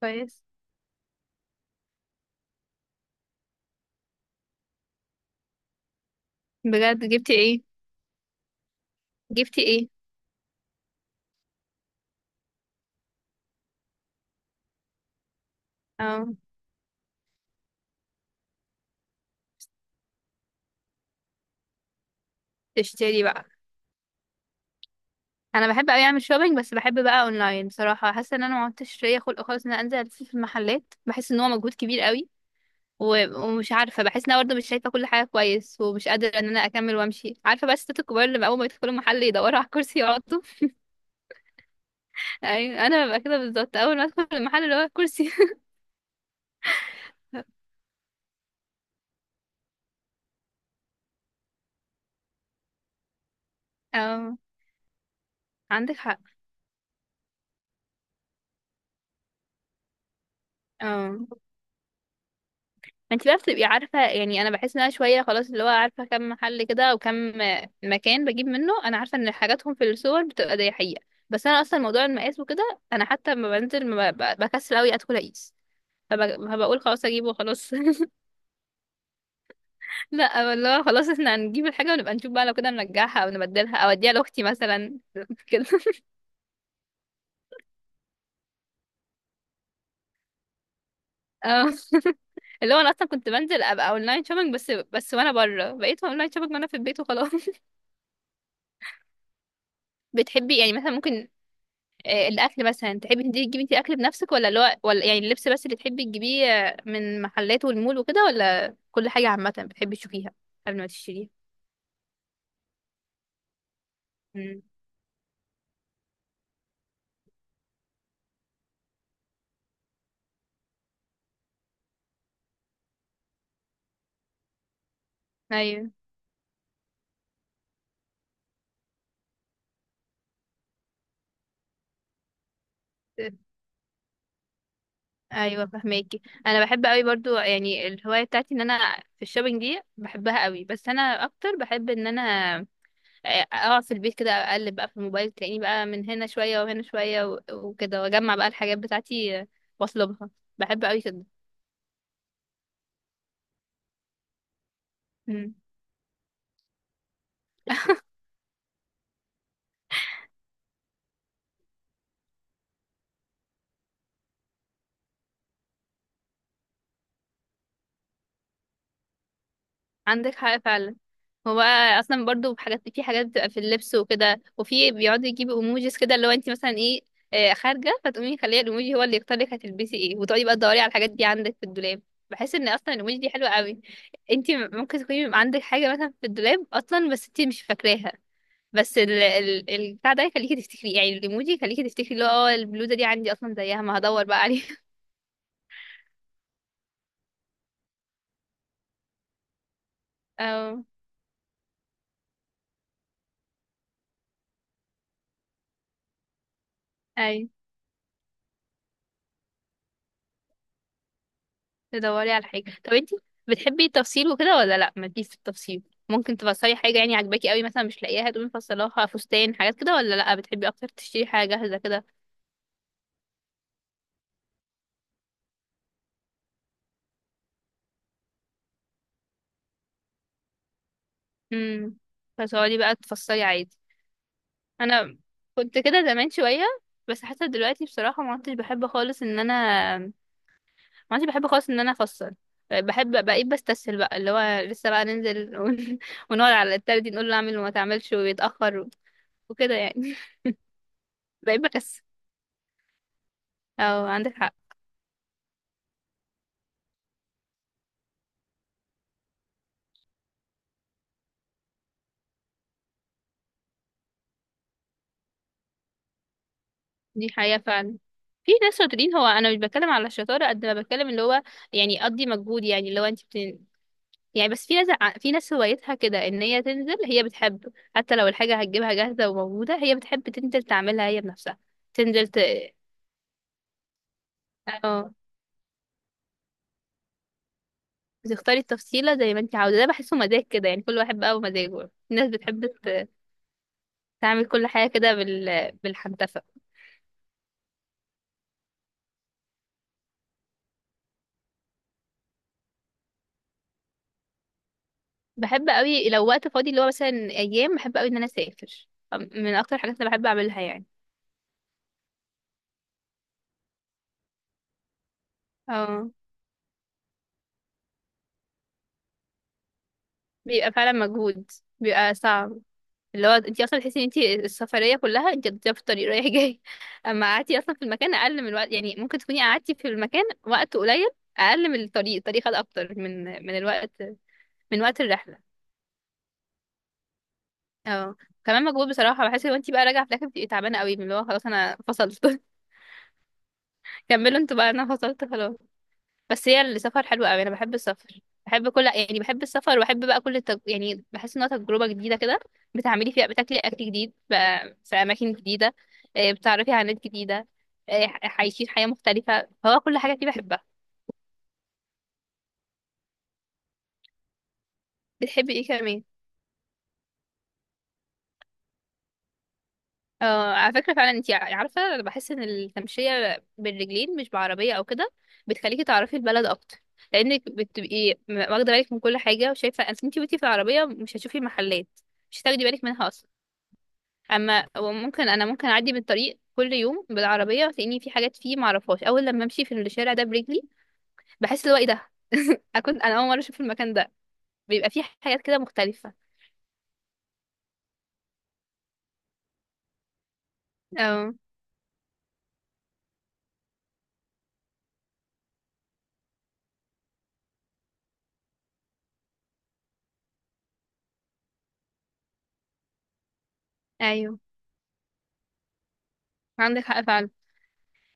كويس. بجد جبتي ايه؟ جبتي ايه؟ اه، تشتري بقى. انا بحب اوي اعمل شوبينج بس بحب بقى اونلاين بصراحه. حاسه ان انا ما عدتش ليا خلق خالص ان انا انزل الف في المحلات، بحس ان هو مجهود كبير قوي. ومش عارفه، بحس ان انا برضه مش شايفه كل حاجه كويس، ومش قادره ان انا اكمل وامشي، عارفه؟ بس الستات الكبار اللي اول ما يدخلوا محل يدوروا على كرسي يقعدوا. ايوه، انا ببقى كده بالظبط. اول ما ادخل المحل اللي هو كرسي. اه عندك حق. اه. انت بقى بتبقي عارفه يعني. انا بحس ان انا شويه خلاص، اللي هو عارفه كم محل كده او كم مكان بجيب منه. انا عارفه ان حاجاتهم في السوبر، بتبقى دي حقيقه. بس انا اصلا موضوع المقاس وكده، انا حتى لما بنزل ما بكسل قوي ادخل اقيس. فبقول خلاص اجيبه خلاص. لا والله خلاص، احنا هنجيب الحاجه ونبقى نشوف بقى، لو كده نرجعها او نبدلها او اديها لاختي مثلا. كده. اه. اللي هو انا اصلا كنت بنزل ابقى اونلاين شوبينج بس، وانا بره. بقيت اونلاين شوبينج وانا في البيت وخلاص. بتحبي يعني مثلا ممكن الاكل مثلا تحبي تجيبي انت اكل بنفسك، ولا اللي هو، ولا يعني اللبس بس اللي تحبي تجيبيه من محلات والمول وكده؟ ولا كل حاجه عامه بتحبي تشوفيها قبل ما تشتريها؟ مم. ايوه. ايوه فهماكي. انا بحب قوي برضو يعني، الهوايه بتاعتي ان انا في الشوبينج دي بحبها قوي. بس انا اكتر بحب ان انا اقعد في البيت كده اقلب بقى في الموبايل، تلاقيني بقى من هنا شويه وهنا شويه وكده، واجمع بقى الحاجات بتاعتي واطلبها. بحب قوي كده. مم. عندك حق فعلا. هو بقى اصلا برضو حاجات، في حاجات بتبقى في اللبس وكده، وفي بيقعدوا يجيبوا ايموجيز كده، اللي هو انت مثلا ايه خارجه، فتقومي خليه الايموجي هو اللي يختار لك هتلبسي ايه، وتقعدي بقى تدوري على الحاجات دي عندك في الدولاب. بحس ان اصلا الايموجي دي حلوه قوي. انت ممكن تكوني عندك حاجه مثلا في الدولاب اصلا بس انت مش فاكراها، بس ال البتاع ده يخليكي تفتكري، يعني الايموجي يخليكي تفتكري اللي هو البلوزه دي عندي اصلا زيها، ما هدور بقى عليها. اه. اي. تدوري على حاجة. طب انتي بتحبي التفصيل وكده ولا لا، مالكيش في التفصيل؟ ممكن تفصلي حاجة يعني عجباكي قوي مثلا مش لاقياها تقومي مفصلاها فستان حاجات كده، ولا لا بتحبي اكتر تشتري حاجة جاهزة كده؟ امم فتقعدي بقى تفصلي عادي. انا كنت كده زمان شوية. بس حتى دلوقتي بصراحة ما عدتش بحب خالص ان انا ما عدتش بحب خالص ان انا افصل. بحب بقيت بستسهل بقى، اللي هو لسه بقى ننزل ونقعد على التالت نقول له اعمل وما تعملش ويتأخر وكده يعني. بقيت بكسل. اه عندك حق. دي حقيقة فعلا. في ناس شاطرين، هو انا مش بتكلم على الشطارة قد ما بتكلم اللي هو، يعني اقضي مجهود، يعني اللي هو انت يعني. بس في ناس في ناس هوايتها كده، ان هي تنزل، هي بتحب حتى لو الحاجة هتجيبها جاهزة وموجودة، هي بتحب تنزل تعملها هي بنفسها. تنزل ت... اه. بتختاري التفصيلة زي ما انت عاوزة، ده بحسه مزاج كده يعني كل واحد بقى ومزاجه، في ناس بتحب تعمل كل حاجة كده بالحنتفة. بحب قوي لو وقت فاضي، اللي هو مثلا ايام، بحب قوي ان انا اسافر، من اكتر الحاجات اللي بحب اعملها يعني. اه. بيبقى فعلا مجهود، بيبقى صعب. اللي هو انت اصلا تحسي ان انت السفريه كلها انت بتبقي في الطريق رايح جاي. اما قعدتي اصلا في المكان اقل من الوقت، يعني ممكن تكوني قعدتي في المكان وقت قليل اقل من الطريق، الطريق خد اكتر من الوقت، من وقت الرحله. اه. كمان مجهود بصراحه، بحس ان انت بقى راجعه في الاخر بتبقي تعبانه قوي، من اللي هو خلاص، انا فصلت. كملوا انتوا بقى انا فصلت خلاص. بس هي السفر حلو قوي، انا بحب السفر. بحب كل يعني بحب السفر، وبحب بقى كل يعني بحس انها تجربه جديده كده، بتعملي فيها، بتاكلي اكل جديد بقى في اماكن جديده، بتعرفي على ناس جديده عايشين حياه مختلفه، هو كل حاجه فيه بحبها. بتحبي ايه كمان؟ اه على فكره فعلا. انتي عارفه، انا بحس ان التمشيه بالرجلين، مش بعربيه او كده، بتخليكي تعرفي البلد اكتر، لانك بتبقي واخده بالك من كل حاجه وشايفه. انت وانتي في العربيه مش هتشوفي محلات، مش هتاخدي بالك منها اصلا. اما وممكن انا ممكن اعدي من الطريق كل يوم بالعربيه، وتلاقيني في حاجات فيه ما اعرفهاش، اول لما امشي في الشارع ده برجلي بحس اللي هو ايه ده؟ اكون انا اول مره اشوف المكان ده. بيبقى فيه حاجات كده مختلفه. اه. ايوه عندك حق فعلا.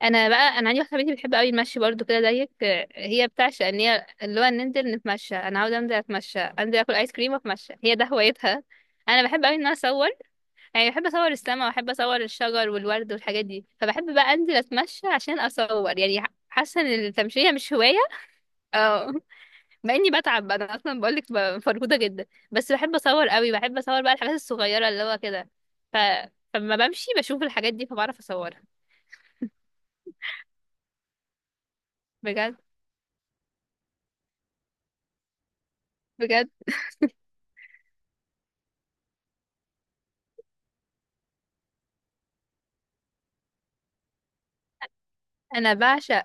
انا بقى، انا عندي واحده صاحبتي بتحب قوي المشي برضو كده زيك، هي بتعشق ان هي، اللي هو ننزل نتمشى، انا عاوزه انزل اتمشى، انزل اكل ايس كريم واتمشى، هي ده هوايتها. انا بحب قوي ان انا اصور، يعني بحب اصور السما، واحب اصور الشجر والورد والحاجات دي. فبحب بقى انزل اتمشى عشان اصور يعني، حاسه ان التمشيه مش هوايه. اه. مع اني بتعب انا اصلا، بقولك فرهوده جدا، بس بحب اصور قوي، بحب اصور بقى الحاجات الصغيره اللي هو كده. ف... فلما بمشي بشوف الحاجات دي فبعرف اصورها. بجد. بجد. انا بعشق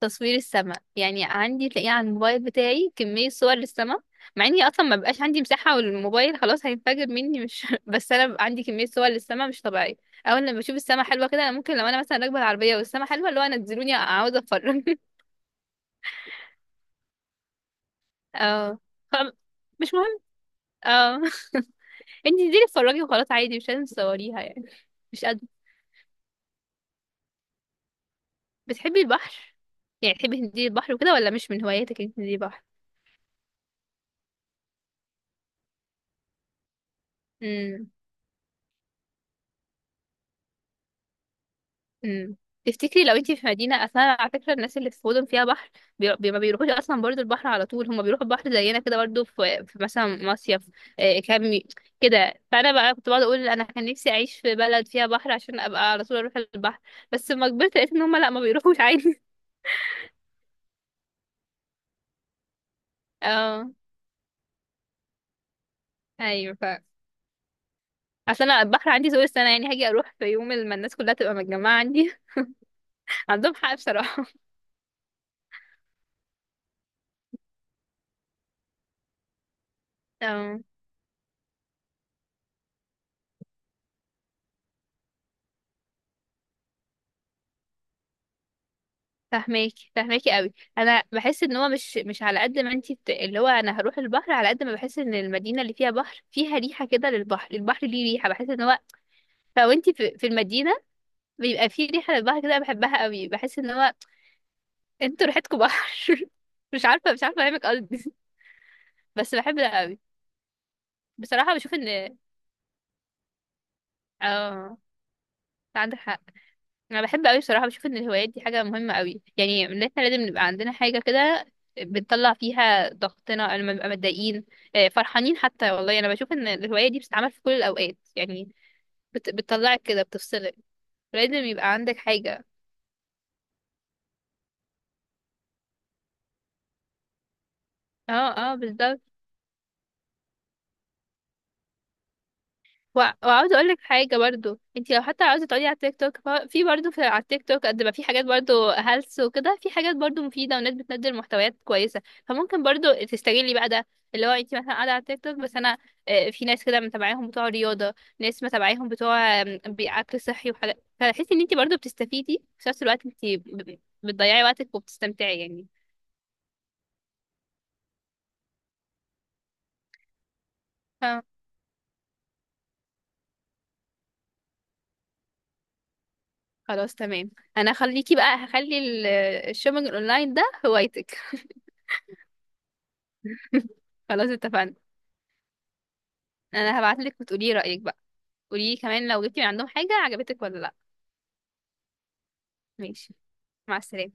تصوير السماء، يعني عندي تلاقيه على الموبايل بتاعي كمية صور للسماء، مع اني اصلا ما بقاش عندي مساحة والموبايل خلاص هينفجر مني مش بس انا بقى عندي كمية صور للسماء مش طبيعية. اول لما بشوف السماء حلوة كده، انا ممكن لو انا مثلا راكبة العربية والسماء حلوة اللي هو، نزلوني عاوزة اتفرج. اه. خم... مش مهم. اه. انتي انزلي اتفرجي وخلاص عادي مش لازم تصوريها يعني. مش قد. بتحبي البحر؟ يعني تحبي تنزلي البحر وكده ولا مش من هواياتك انك تنزلي البحر؟ امم امم تفتكري لو انتي في مدينة، اصلا على فكرة الناس اللي في مدن فيها بحر ما بيروحوش اصلا برضو البحر على طول، هما بيروحوا البحر زينا كده برضو في مثلا مصيف كامي كده. فانا بقى كنت بقعد اقول انا كان نفسي اعيش في بلد فيها بحر عشان ابقى على طول اروح البحر. بس لما كبرت لقيت ان هما لا، ما بيروحوش عادي. اه. ايوه. اصل انا البحر عندي طول السنة، يعني هاجي اروح في يوم لما الناس كلها تبقى متجمعة عندي. عندهم حق بصراحة. اه. فهماكي، فهماكي قوي. انا بحس ان هو مش مش على قد ما انتي اللي هو، انا هروح البحر على قد ما بحس ان المدينه اللي فيها بحر فيها ريحه كده للبحر، البحر ليه ريحه، بحس ان هو لو انتي في المدينه بيبقى فيه ريحه للبحر كده، أنا بحبها قوي. بحس ان هو انتوا ريحتكم بحر. مش عارفه، افهمك قصدي؟ بس بحب ده قوي. بصراحه بشوف ان اه عندك حق. انا بحب قوي بصراحه، بشوف ان الهوايات دي حاجه مهمه قوي، يعني ان احنا لازم نبقى عندنا حاجه كده بنطلع فيها ضغطنا لما نبقى متضايقين، فرحانين حتى. والله انا بشوف ان الهوايه دي بتتعمل في كل الاوقات يعني، بتطلعك كده بتفصلك. لازم يبقى عندك حاجه. اه. اه بالظبط. وعاوزه اقول لك حاجه برضو. انت لو حتى عاوزه تقعدي على التيك توك في برضو في على التيك توك قد ما في حاجات برضو هلس وكده، في حاجات برضو مفيده وناس بتنزل محتويات كويسه، فممكن برضو تستغلي بقى ده. اللي هو انت مثلا قاعده على التيك توك بس انا في ناس كده متابعاهم بتوع رياضه، ناس متابعاهم بتوع اكل صحي وحاجات، فتحسي ان انت برضو بتستفيدي في نفس الوقت، انت بتضيعي وقتك وبتستمتعي يعني. ف- خلاص تمام. انا خليكي بقى، هخلي الشوبينج اونلاين ده هوايتك. خلاص اتفقنا. انا هبعتلك وتقولي رأيك بقى. قولي كمان لو جبتي من عندهم حاجة عجبتك ولا لا. ماشي. مع السلامة.